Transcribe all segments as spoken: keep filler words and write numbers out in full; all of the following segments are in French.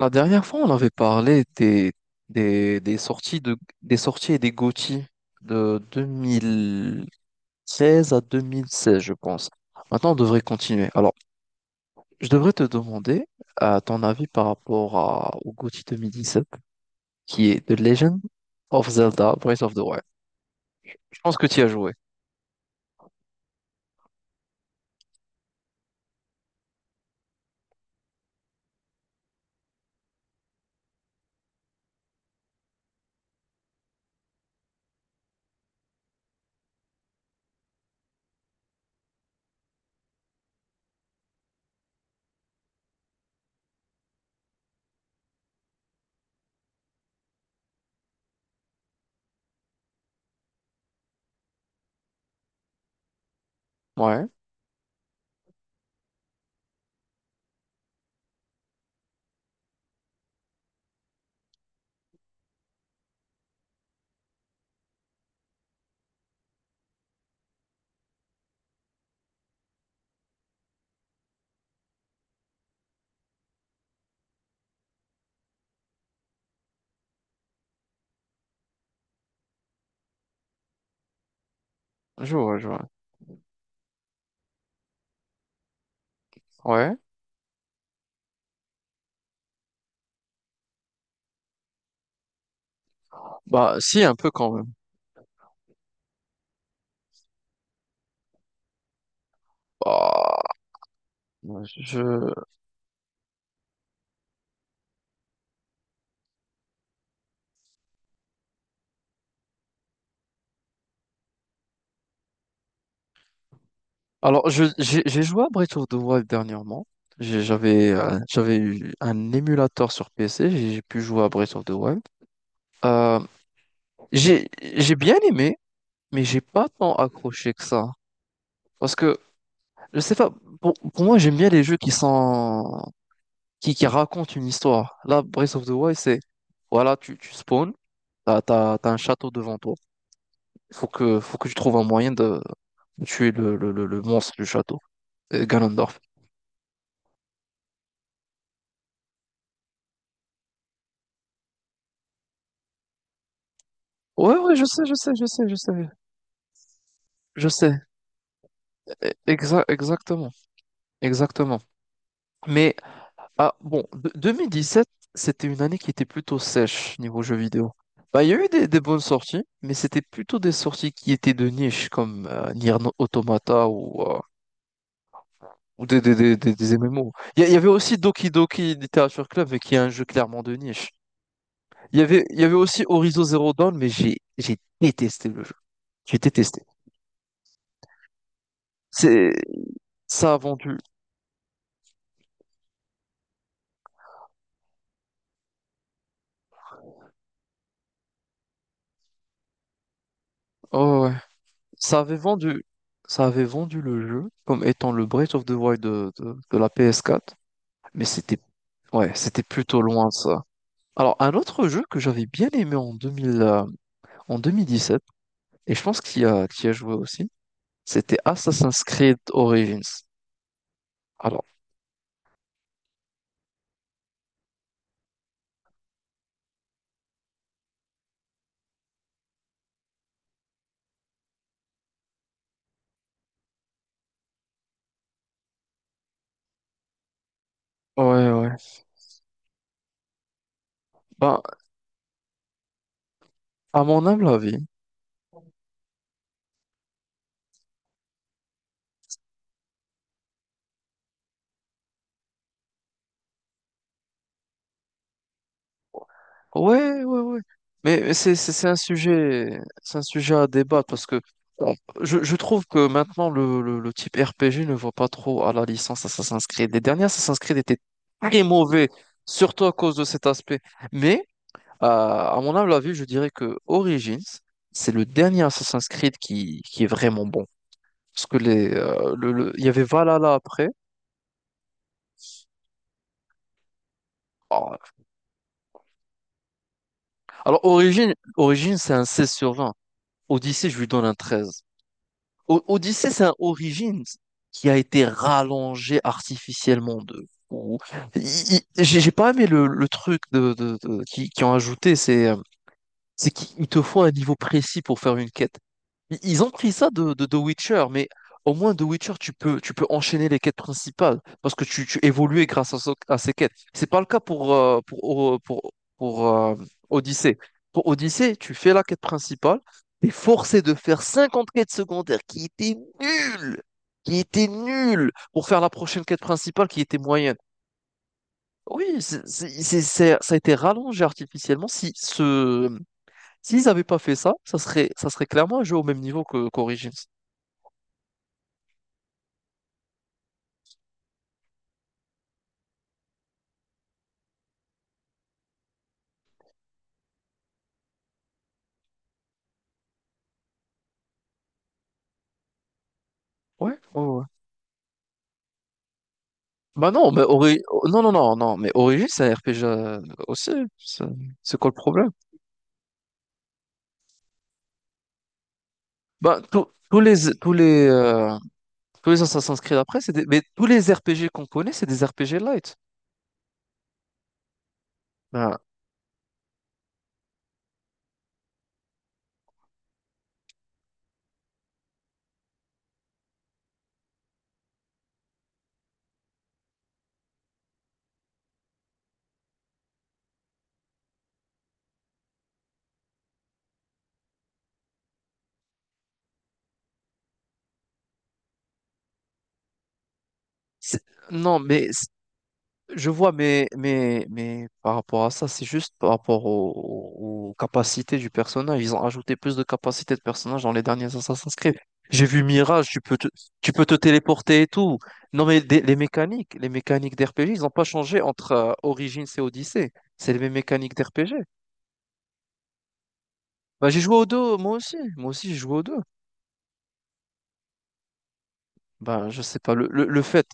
La dernière fois, on avait parlé des, des, des sorties de, des sorties et des G O T Y de deux mille seize à deux mille seize, je pense. Maintenant, on devrait continuer. Alors, je devrais te demander euh, ton avis par rapport à, au G O T Y deux mille dix-sept, qui est The Legend of Zelda Breath of the Wild. Je pense que tu y as joué. Ouais, je vois, je vois. Ouais. Bah, si, un peu quand même. Bah, je, Alors, je, j'ai j'ai joué à Breath of the Wild dernièrement. J'ai- J'avais euh, j'avais eu un émulateur sur p c, j'ai j'ai pu jouer à Breath of the Wild. Euh, j'ai j'ai bien aimé, mais j'ai pas tant accroché que ça. Parce que, je sais pas, pour, pour moi, j'aime bien les jeux qui sont, qui, qui racontent une histoire. Là, Breath of the Wild, c'est, voilà, tu, tu spawns, t'as, t'as, t'as un château devant toi. Faut que, faut que tu trouves un moyen de tuer le, le, le, le monstre du château, euh, Ganondorf. Ouais, ouais, je sais, je sais, je sais, je sais. Je sais, E- exa- exactement, exactement. Mais ah, bon, de- deux mille dix-sept, c'était une année qui était plutôt sèche niveau jeux vidéo. Bah, il y a eu des, des bonnes sorties, mais c'était plutôt des sorties qui étaient de niche, comme euh, Nier No- Automata ou, euh, ou des, des, des, des- des M M O. Il y, a- il y avait aussi Doki Doki Literature Club, mais qui est un jeu clairement de niche. Il y avait, il y avait aussi Horizon Zero Dawn, mais j'ai j'ai détesté le jeu. J'ai détesté. C'est, Ça a vendu. Oh, ouais. Ça avait vendu, ça avait vendu le jeu comme étant le Breath of the Wild de, de- de la p s quatre, mais c'était ouais, c'était plutôt loin ça. Alors, un autre jeu que j'avais bien aimé en deux mille, euh, en deux mille dix sept et je pense qu'il y a, qu'il y a joué aussi, c'était Assassin's Creed Origins. Alors, ouais, ouais. Ben, à mon humble avis, ouais, ouais, ouais. Mais mais c'est c'est- c'est un sujet, c'est un sujet à débattre parce que bon, je, je trouve que maintenant le, le, le type R P G ne va pas trop à la licence Assassin's Creed. Les dernières Assassin's Creed étaient très mauvais, surtout à cause de cet aspect. Mais euh, à mon humble avis, je dirais que Origins, c'est le dernier Assassin's Creed qui, qui est vraiment bon. Parce que les, euh, le, le- il y avait Valhalla après. Oh. Alors, Origins, Origins c'est un seize sur vingt. Odyssey, je lui donne un treize. O- Odyssey, c'est un Origins qui a été rallongé artificiellement de fou. Il- il- J'ai j'ai pas aimé le, le truc de, de- de- qui, qui ont ajouté, c'est euh, c'est qu'ils te font un niveau précis pour faire une quête. Ils ils ont pris ça de, de The Witcher, mais au moins The Witcher, tu peux, tu peux enchaîner les quêtes principales parce que tu, tu évolues grâce à, ce- à ces quêtes. C'est pas le cas pour, euh, pour, O- pour, pour, euh, Odyssey. Pour Odyssey, tu fais la quête principale, t'es forcé de faire cinquante quêtes secondaires qui étaient nulles, qui étaient nulles pour faire la prochaine quête principale qui était moyenne. Oui, c'est, c'est, c'est- c'est- ça a été rallongé artificiellement. Si ce, S'ils n'avaient pas fait ça, ça serait, ça serait clairement un jeu au même niveau que qu'Origins. Ouais, ouais, ouais. Bah non, mais Ori... oh, non, non, non, non, mais Origin, c'est un R P G euh, aussi. C'est c'est quoi le problème? Bah, tous tous les, tous les, euh, tous les Assassin's Creed après, c'est des... mais tous les R P G qu'on connaît, c'est des R P G light. Bah, c'est- non, mais je vois, mais, mais, mais par rapport à ça, c'est juste par rapport au- au- aux, capacités du personnage. Ils ont ajouté plus de capacités de personnage dans les derniers Assassin's Creed. J'ai vu Mirage, tu peux te, tu peux te téléporter et tout. Non, mais des- les mécaniques, les mécaniques d'R P G, ils n'ont pas changé entre euh, Origins et Odyssey. C'est les mêmes mécaniques d'R P G. Bah, j'ai joué aux deux, moi aussi. Moi aussi, j'ai joué aux deux. Bah, je sais pas. Le, le, le fait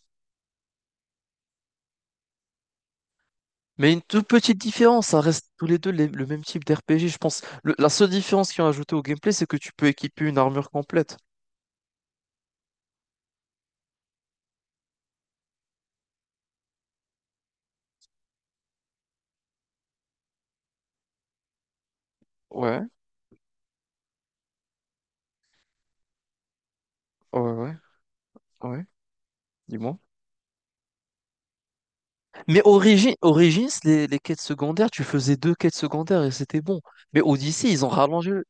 Mais une toute petite différence, ça reste tous les deux les- le même type d'R P G, je pense. Le- la seule différence qu'ils ont ajoutée au gameplay, c'est que tu peux équiper une armure complète. Ouais, ouais, ouais, ouais, dis-moi. Mais Origi- Origins, les, les quêtes secondaires, tu faisais deux quêtes secondaires et c'était bon. Mais Odyssey, ils ont rallongé. le-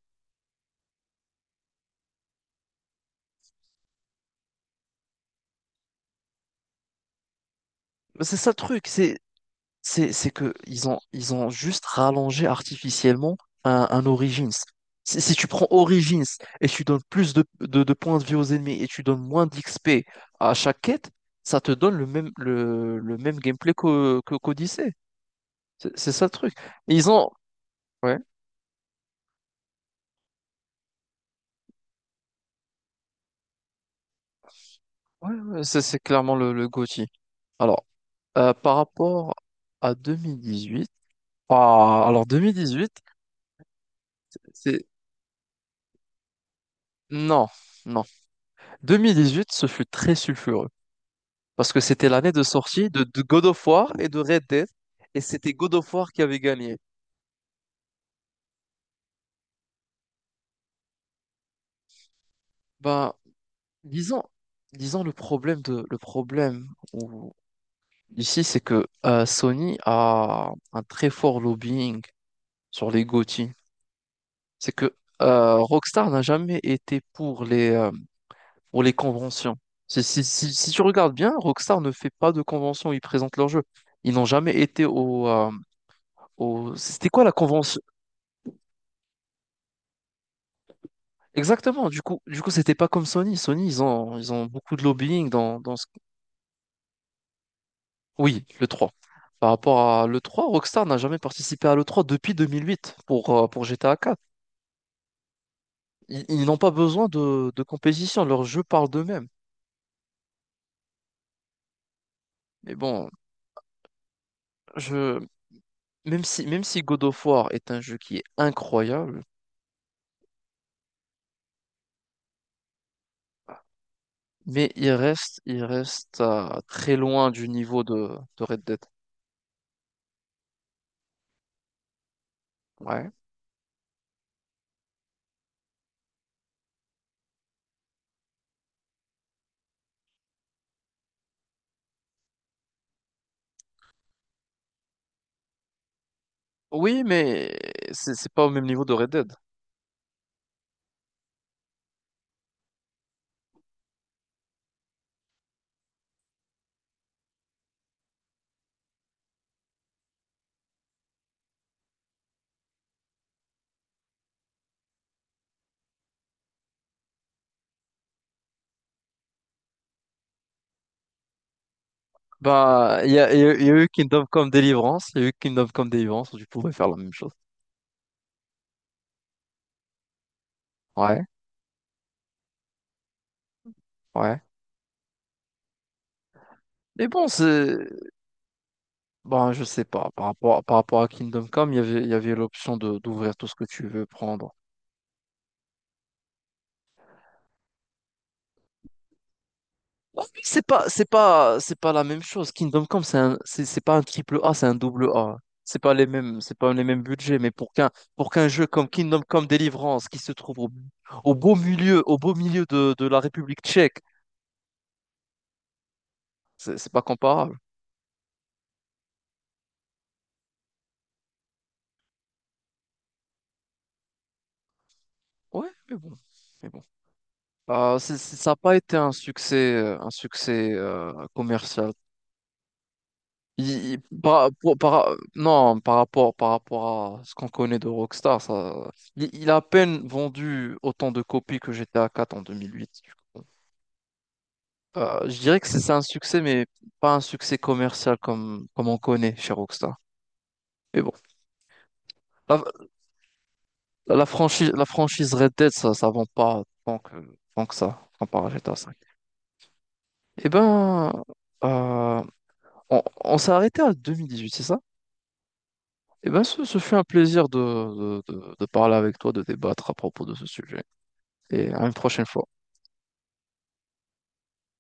C'est ça le truc, c'est c'est c'est que ils ont ils ont juste rallongé artificiellement un, un Origins. Si, si tu prends Origins et tu donnes plus de, de, de points de vie aux ennemis et tu donnes moins d'X P à chaque quête, ça te donne le même le, le même gameplay qu'au- que qu'Odyssey. C'est c'est ça le truc. Et ils ont Ouais, ouais, ouais, c'est c'est clairement le le G O T Y. Alors euh, par rapport à deux mille dix-huit, ah alors deux mille dix-huit c'est non, non, deux mille dix-huit ce fut très sulfureux. Parce que c'était l'année de sortie de, de God of War et de Red Dead. Et c'était God of War qui avait gagné. Bah, disons, disons le problème de, le problème où- ici, c'est que euh, Sony a un très fort lobbying sur les G O T Y. C'est que euh, Rockstar n'a jamais été pour les, euh, pour les conventions. Si, si, si, si tu regardes bien, Rockstar ne fait pas de convention, ils présentent leur jeu. Ils n'ont jamais été au, euh, au... C'était quoi la convention? Exactement, du coup, du coup, c'était pas comme Sony. Sony, ils ont, ils ont beaucoup de lobbying dans, dans ce... Oui, le trois. Par rapport à le trois, Rockstar n'a jamais participé à le trois depuis deux mille huit pour, euh, pour G T A quatre. Ils, ils n'ont pas besoin de, de compétition, leurs jeux parlent d'eux-mêmes. Mais bon, je, même si, même si God of War est un jeu qui est incroyable, mais il reste, il reste euh, très loin du niveau de, de Red Dead. Ouais. Oui, mais c'est c'est pas au même niveau de Red Dead. Bah, il y a, il y a- il y a eu Kingdom Come Deliverance, il y a eu Kingdom Come Deliverance, tu pourrais faire la même chose. Ouais, ouais. Mais bon, c'est... Bon, je sais pas, par rapport, par rapport à Kingdom Come, il y avait, il y avait l'option de, d'ouvrir tout ce que tu veux prendre. Oh, mais c'est pas, c'est pas, c'est pas la même chose. Kingdom Come, c'est un, c'est c'est pas un triple A, c'est un double A. C'est pas les mêmes, c'est pas les mêmes budgets, mais pour qu'un, pour qu'un jeu comme Kingdom Come Deliverance, qui se trouve au, au beau milieu, au beau milieu de, de la République tchèque, c'est c'est pas comparable. Ouais, mais bon. Mais bon. Euh, c'est- c'est- ça n'a pas été un succès, euh, un succès euh, commercial. Il- il- par, pour- par- euh, non, par rapport, par rapport à ce qu'on connaît de Rockstar, ça, il, il a à peine vendu autant de copies que G T A quatre en deux mille huit, du coup. Euh, je dirais que c'est c'est un succès, mais pas un succès commercial comme, comme on connaît chez Rockstar. Mais bon, la, la franchise, la franchise Red Dead, ça ne vend pas tant que, tant que ça, comparé à G T A cinq. Eh ben, euh, on, on s'est arrêté à deux mille dix-huit, c'est ça? Eh ben, ce, ce fut un plaisir de, de de- de parler avec toi, de débattre à propos de ce sujet. Et à une prochaine fois.